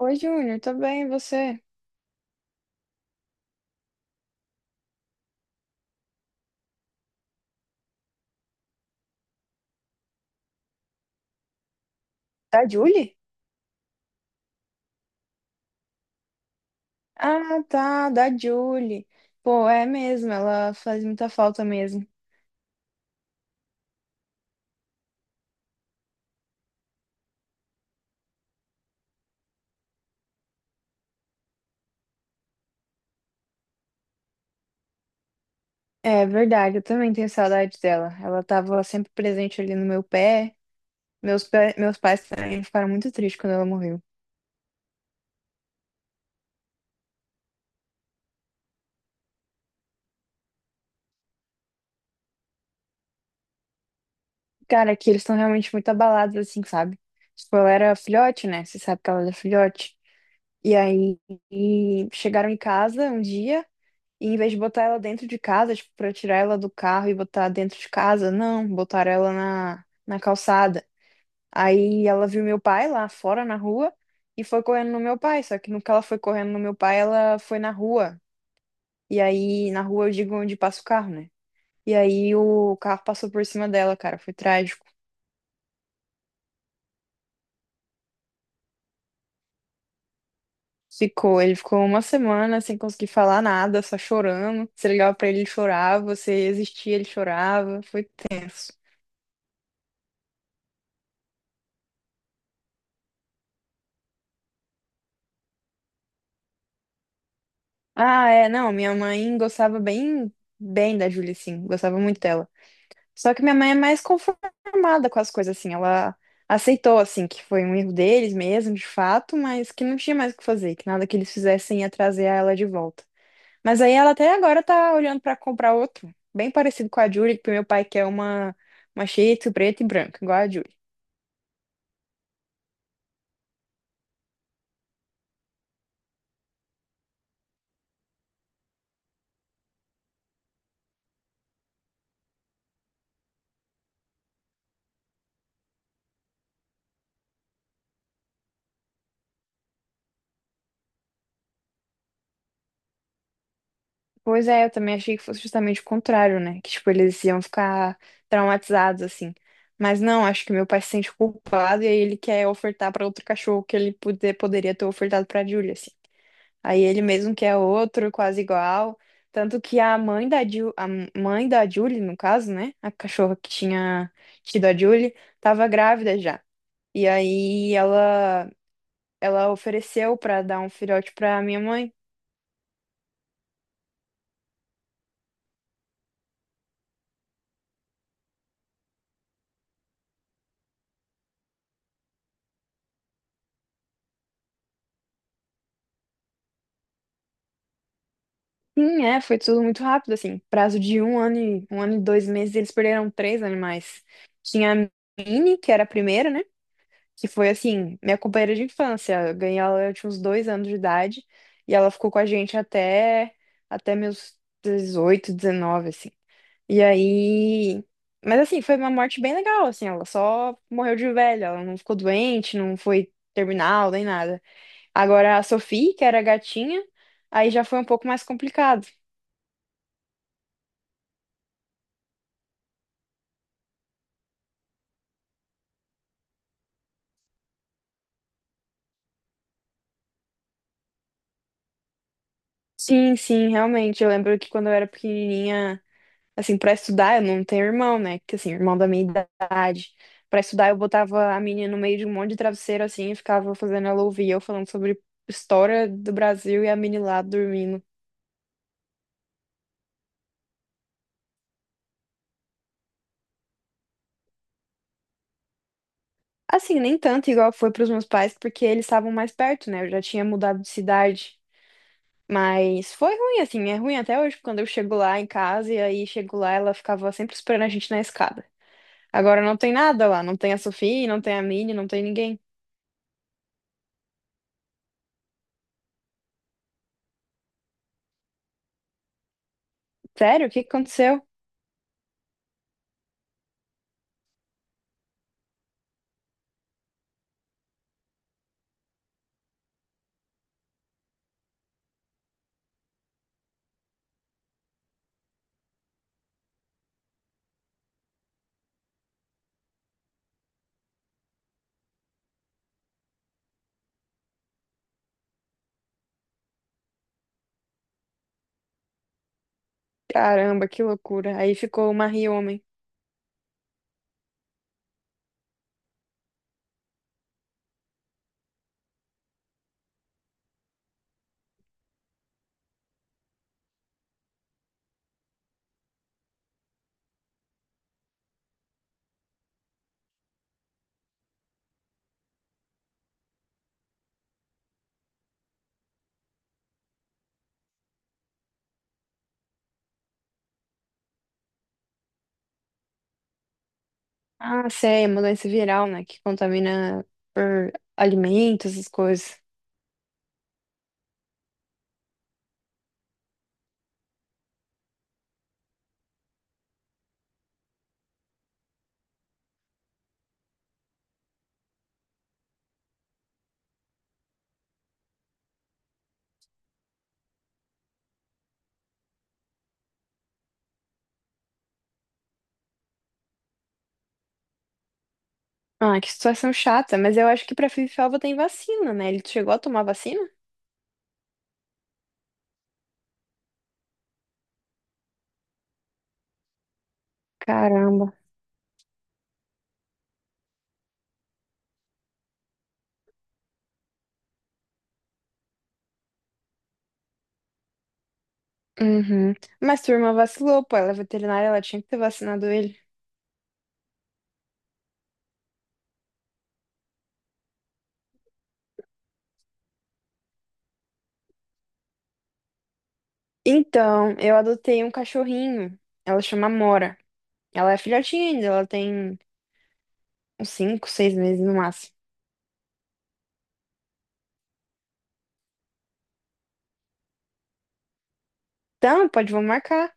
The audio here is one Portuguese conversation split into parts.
Oi, Júnior, tudo bem, e você? Da Julie? Ah, tá, da Julie. Pô, é mesmo, ela faz muita falta mesmo. É verdade, eu também tenho saudade dela. Ela tava sempre presente ali no meu pé. Meus pais também ficaram muito tristes quando ela morreu. Cara, que eles estão realmente muito abalados, assim, sabe? Tipo, ela era filhote, né? Você sabe que ela era filhote. E aí, chegaram em casa um dia. E em vez de botar ela dentro de casa, tipo, pra tirar ela do carro e botar dentro de casa, não, botaram ela na calçada. Aí ela viu meu pai lá fora na rua e foi correndo no meu pai. Só que no que ela foi correndo no meu pai, ela foi na rua. E aí, na rua eu digo onde passa o carro, né? E aí o carro passou por cima dela, cara, foi trágico. Ficou, ele ficou uma semana sem conseguir falar nada, só chorando. Você ligava pra ele, ele chorava, você existia, ele chorava, foi tenso. Ah, é, não, minha mãe gostava bem, bem da Julie, sim, gostava muito dela. Só que minha mãe é mais conformada com as coisas, assim, ela aceitou, assim, que foi um erro deles mesmo, de fato, mas que não tinha mais o que fazer, que nada que eles fizessem ia trazer ela de volta. Mas aí ela até agora tá olhando pra comprar outro, bem parecido com a Julie, que meu pai quer uma Shih Tzu preta e branca, igual a Julie. Pois é, eu também achei que fosse justamente o contrário, né? Que, tipo, eles iam ficar traumatizados, assim. Mas não, acho que meu pai se sente culpado e aí ele quer ofertar pra outro cachorro que ele poderia ter ofertado pra Julia, assim. Aí ele mesmo quer outro, quase igual. Tanto que a mãe da Julie, no caso, né? A cachorra que tinha tido a Julie, tava grávida já. E aí ela ofereceu pra dar um filhote pra minha mãe. Sim, é, foi tudo muito rápido, assim. Prazo de um ano e 2 meses, eles perderam 3 animais. Tinha a Minnie, que era a primeira, né? Que foi assim, minha companheira de infância. Eu ganhei ela, eu tinha uns 2 anos de idade, e ela ficou com a gente até meus 18 19 assim. E aí. Mas assim, foi uma morte bem legal, assim, ela só morreu de velha, ela não ficou doente, não foi terminal, nem nada. Agora a Sophie, que era a gatinha, aí já foi um pouco mais complicado. Sim, sim, realmente. Eu lembro que quando eu era pequenininha, assim, pra estudar, eu não tenho irmão, né? Que assim, irmão da minha idade. Pra estudar, eu botava a menina no meio de um monte de travesseiro, assim, e ficava fazendo ela ouvir eu falando sobre história do Brasil e a menina lá dormindo. Assim, nem tanto igual foi pros meus pais, porque eles estavam mais perto, né? Eu já tinha mudado de cidade. Mas foi ruim, assim, é ruim até hoje, quando eu chego lá em casa e aí chego lá, ela ficava sempre esperando a gente na escada. Agora não tem nada lá, não tem a Sofia, não tem a Minnie, não tem ninguém. Sério? O que que aconteceu? Caramba, que loucura. Aí ficou uma rioma. Ah, sei, é uma doença viral, né? Que contamina por alimentos, essas coisas. Ah, que situação chata. Mas eu acho que pra Fifiova tem vacina, né? Ele chegou a tomar vacina? Caramba. Uhum. Mas tua irmã vacilou, pô. Ela é veterinária, ela tinha que ter vacinado ele. Então, eu adotei um cachorrinho. Ela chama Mora. Ela é filhotinha ainda, ela tem uns 5, 6 meses no máximo. Então, pode, vamos marcar.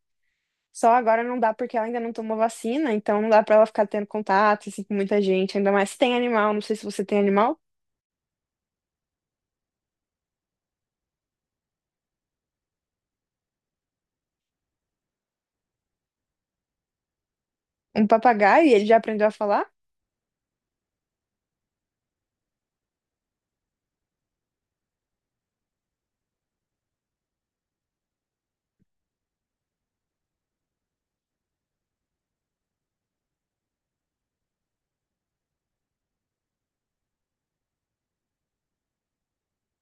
Só agora não dá porque ela ainda não tomou vacina, então não dá pra ela ficar tendo contato assim, com muita gente, ainda mais se tem animal. Não sei se você tem animal. Um papagaio, e ele já aprendeu a falar?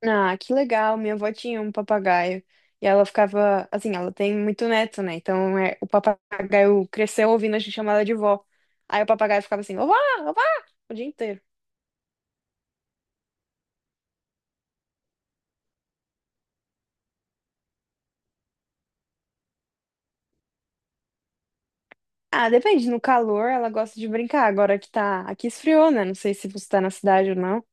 Ah, que legal, minha avó tinha um papagaio. E ela ficava, assim, ela tem muito neto, né? Então é, o papagaio cresceu ouvindo a gente chamar ela de vó. Aí o papagaio ficava assim, ová, ová, o dia inteiro. Ah, depende, no calor ela gosta de brincar, agora que tá, aqui esfriou, né? Não sei se você tá na cidade ou não.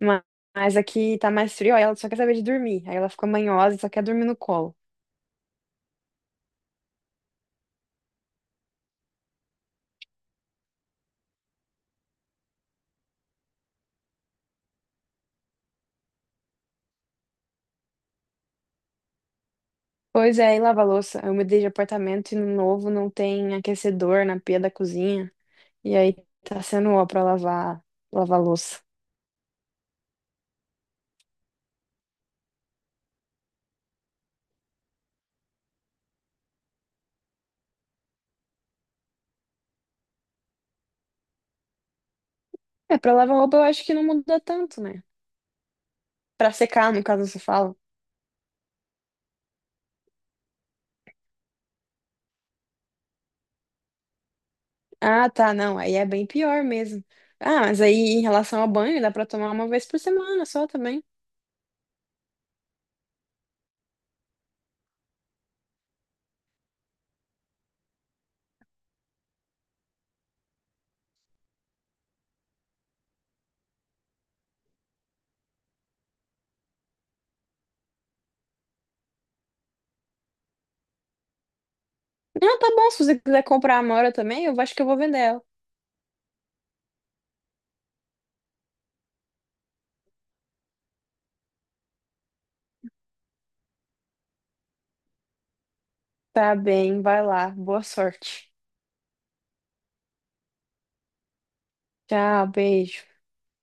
Ma- Mas aqui tá mais frio, aí ela só quer saber de dormir. Aí ela fica manhosa e só quer dormir no colo. Pois é, e lava a louça. Eu mudei de apartamento e no novo não tem aquecedor na pia da cozinha. E aí tá sendo ó pra lavar, a louça. É, pra lavar roupa eu acho que não muda tanto, né? Pra secar, no caso, você fala. Ah, tá, não. Aí é bem pior mesmo. Ah, mas aí em relação ao banho, dá pra tomar uma vez por semana só também. Não, tá bom. Se você quiser comprar a Amora também, eu acho que eu vou vender ela. Tá bem, vai lá. Boa sorte. Tchau, beijo.